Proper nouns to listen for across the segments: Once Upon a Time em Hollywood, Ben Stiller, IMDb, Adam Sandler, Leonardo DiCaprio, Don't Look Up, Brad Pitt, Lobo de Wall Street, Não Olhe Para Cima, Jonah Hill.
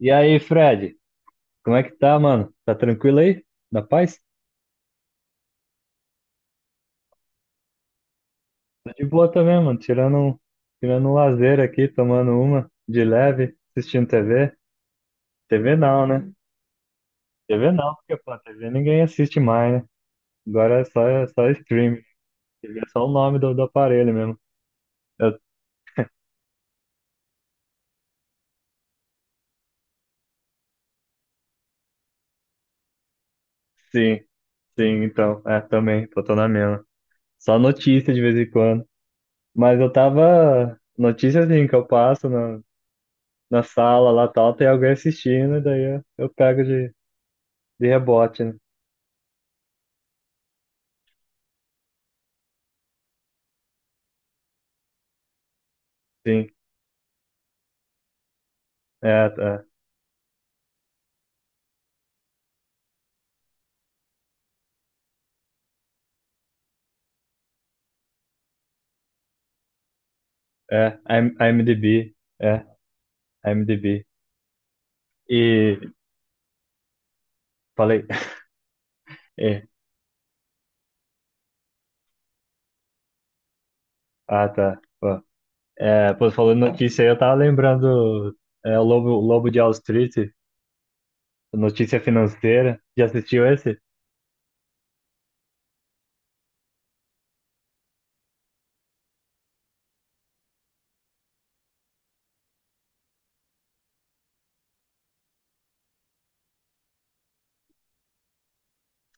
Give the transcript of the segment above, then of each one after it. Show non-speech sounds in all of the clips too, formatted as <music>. E aí, Fred, como é que tá, mano? Tá tranquilo aí? Na paz? Tô de boa também, mano. Tirando um lazer aqui, tomando uma de leve, assistindo TV. TV não, né? TV não, porque, pô, TV ninguém assiste mais, né? Agora é só streaming. TV é só o nome do aparelho mesmo. Eu- sim, sim, então. É, também, pô, tô na mesma. Só notícia de vez em quando. Mas eu tava. Notícia assim, que eu passo na sala lá tal, tem alguém assistindo, e daí eu pego de rebote, né? Sim. É, tá. É. IMDb. É, IMDb. E falei. <laughs> É. Ah, tá. Pô. É, pô, falando notícia aí, eu tava lembrando é, o Lobo de Wall Street, notícia financeira. Já assistiu esse?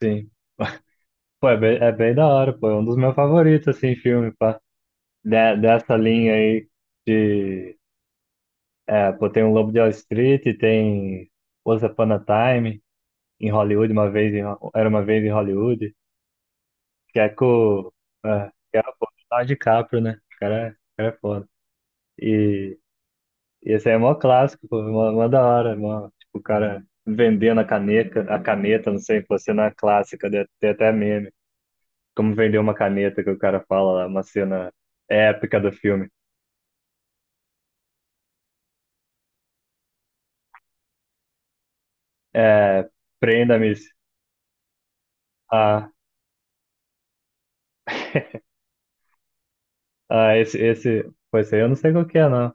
Sim. Pô, é bem da hora, pô. É um dos meus favoritos, assim, filme, pá. Dessa linha aí de. É, pô, tem o Lobo de Wall Street, tem Once Upon a Time em Hollywood, uma vez em, Ho- era uma vez em Hollywood. Que é com. É, que é o Leonardo DiCaprio, né? O cara é foda. E, e esse aí é mó clássico, pô, mó da hora. Mó, tipo, o cara vendendo a caneca, a caneta, não sei, pô, cena clássica, né? Tem até meme. Como vender uma caneta que o cara fala lá, uma cena épica do filme. É, prenda-me a, esse. Pô, esse aí eu não sei qual que é, não.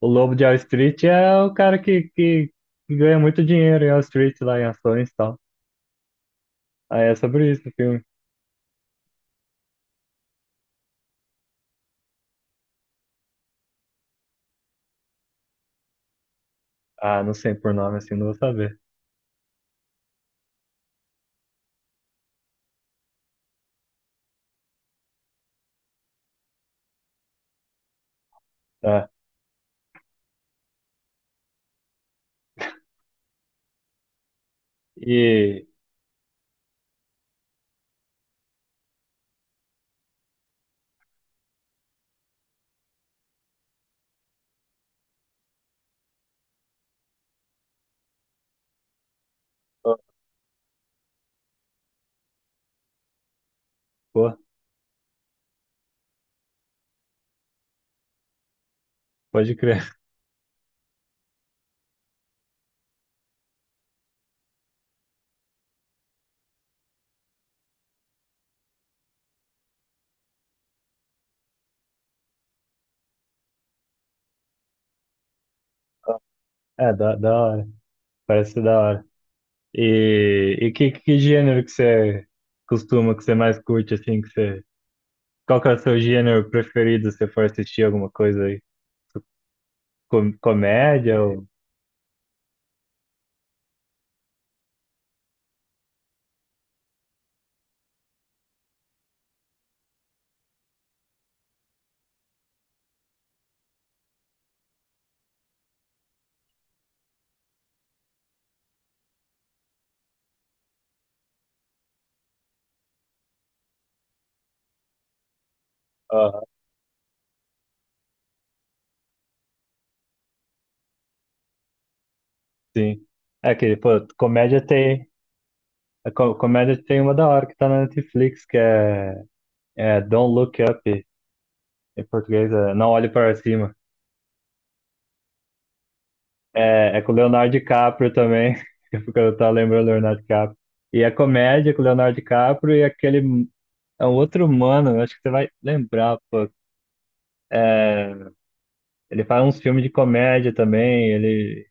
O Lobo de Wall Street é o cara que ganha muito dinheiro em Wall Street, lá em ações e tal. Aí é sobre isso o filme. Ah, não sei por nome assim, não vou saber. Tá. E. Pô, pô, pode crer. <laughs> É, da hora. Parece da hora. Que gênero que você costuma, que você mais curte, assim, que você. Qual que é o seu gênero preferido se você for assistir alguma coisa aí? Com- comédia ou. Aham, sim. É que, pô, comédia tem. A co- comédia tem uma da hora que tá na Netflix, que é, é Don't Look Up. Em português, é Não Olhe Para Cima. É, é com o Leonardo DiCaprio também. <laughs> Porque eu tava lembrando do Leonardo DiCaprio. E é comédia com o Leonardo DiCaprio e aquele. É um outro humano, eu acho que você vai lembrar, pô. Ele faz uns filmes de comédia também, ele,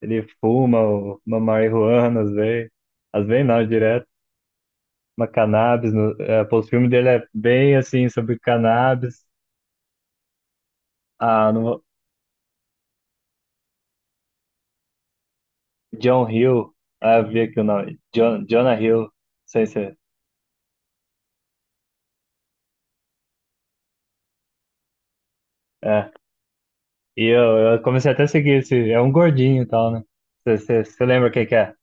ele fuma uma marihuana às vezes. Às vezes não, direto. Uma cannabis. No, é, pô, os filmes dele é bem assim, sobre cannabis. Ah, não vou- John Hill. Ah, eu vi aqui o nome. Jonah Hill. Não sei se é. É, e eu comecei até a seguir esse. É um gordinho e tal, né? Você lembra quem que é?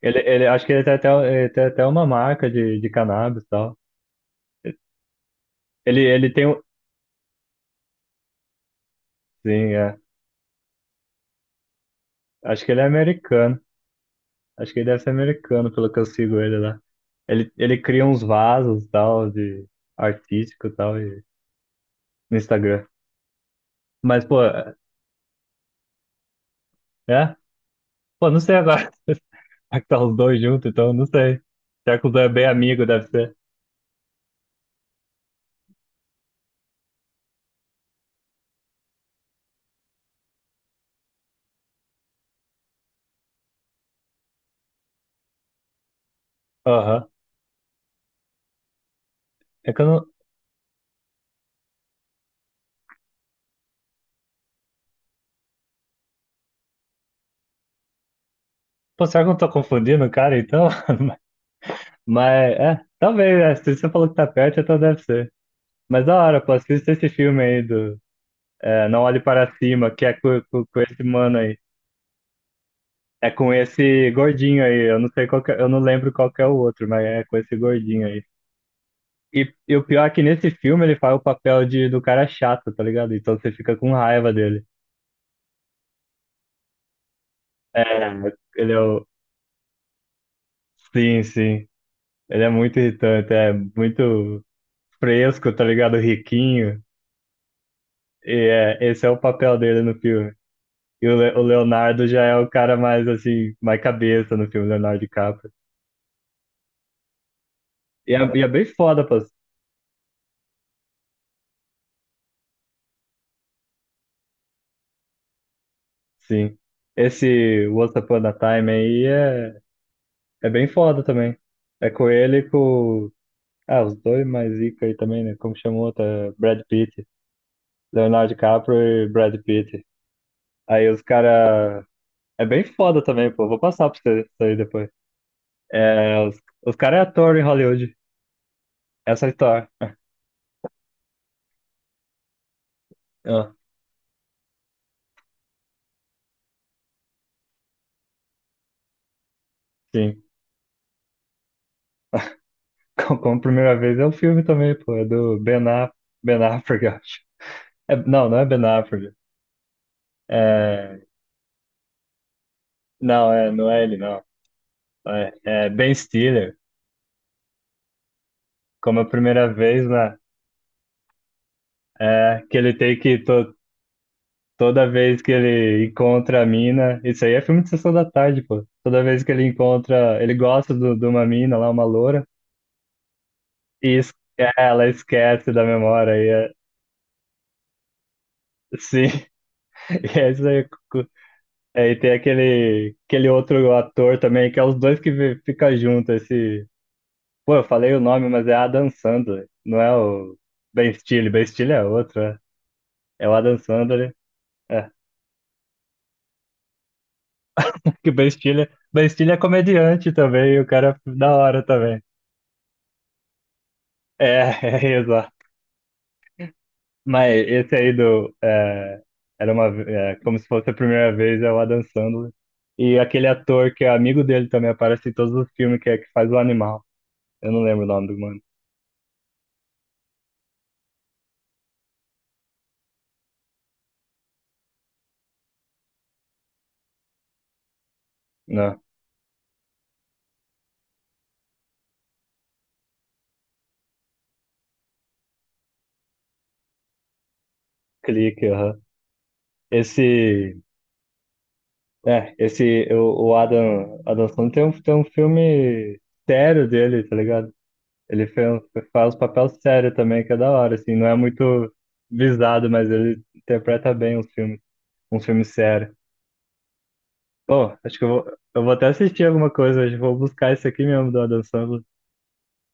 Acho que ele tem até uma marca de cannabis e tal. Ele tem um. Sim, é. Acho que ele é americano. Acho que ele deve ser americano, pelo que eu sigo ele lá. Ele cria uns vasos e tal, de artístico e tal, e, no Instagram. Mas, pô, é? É? Pô, não sei agora. <laughs> Será que tá os dois juntos, então? Não sei. Será que os dois é bem amigo, deve ser? Aham. É que eu não. Pô, será que eu não tô confundindo o cara, então? Mas, é, talvez, é, se você falou que tá perto, então deve ser. Mas da hora, pô, assista esse filme aí do é, Não Olhe Para Cima, que é com, com esse mano aí. É com esse gordinho aí, eu não sei qual que, é- eu não lembro qual que é o outro, mas é com esse gordinho aí. E, e o pior é que nesse filme ele faz o papel do cara chato, tá ligado? Então você fica com raiva dele. É, ele é o... Sim, sim. Ele é muito irritante, é muito fresco, tá ligado? Riquinho. E é, esse é o papel dele no filme. O Leonardo já é o cara mais, assim, mais cabeça no filme, Leonardo DiCaprio. E é bem foda, pô, sim. Esse Once Upon a Time aí é, é bem foda também. É com ele e com... Ah, os dois mais zica aí também, né? Como chamou? Tá? Brad Pitt. Leonardo DiCaprio e Brad Pitt. Aí os cara... É bem foda também, pô. Vou passar pra você isso aí depois. É, os cara é ator em Hollywood. Essa é a história. Ah, sim. <laughs> Como como primeira vez é um filme também, pô. É do Ben Affleck, eu acho. É, não, não é Ben Affleck. É, não é ele, não. É, é Ben Stiller. Como a primeira vez, né? É, que ele tem que. Toda vez que ele encontra a mina. Isso aí é filme de sessão da tarde, pô. Toda vez que ele encontra. Ele gosta de uma mina lá, uma loura. E es- ela esquece da memória. E é, sim. <laughs> E é isso aí. É, e tem aquele outro ator também, que é os dois que vi- fica junto, esse... Pô, eu falei o nome, mas é Adam Sandler, não é o Ben Stiller, é o Adam Sandler, é, <laughs> que o Ben Stiller, Ben Stiller é comediante também, e o cara é da hora também, é, <laughs> é, exato, mas esse aí do, é, era uma, ve- é, como se fosse a primeira vez, é o Adam Sandler, e aquele ator que é amigo dele também aparece em todos os filmes, que é que faz o animal, eu não lembro o nome do mano, não. Clique, aham. Esse, é, esse, o Adam, Adam Sandler tem um filme sério dele, tá ligado? Ele fez, faz papel sério também, que é da hora, assim, não é muito visado, mas ele interpreta bem os filmes, um filme sério. Pô, acho que eu vou até assistir alguma coisa hoje, vou buscar esse aqui mesmo do Adam Sandler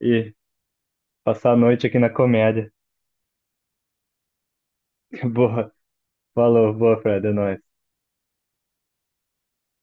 e passar a noite aqui na comédia. <laughs> Boa, falou, boa, Fred, é nóis.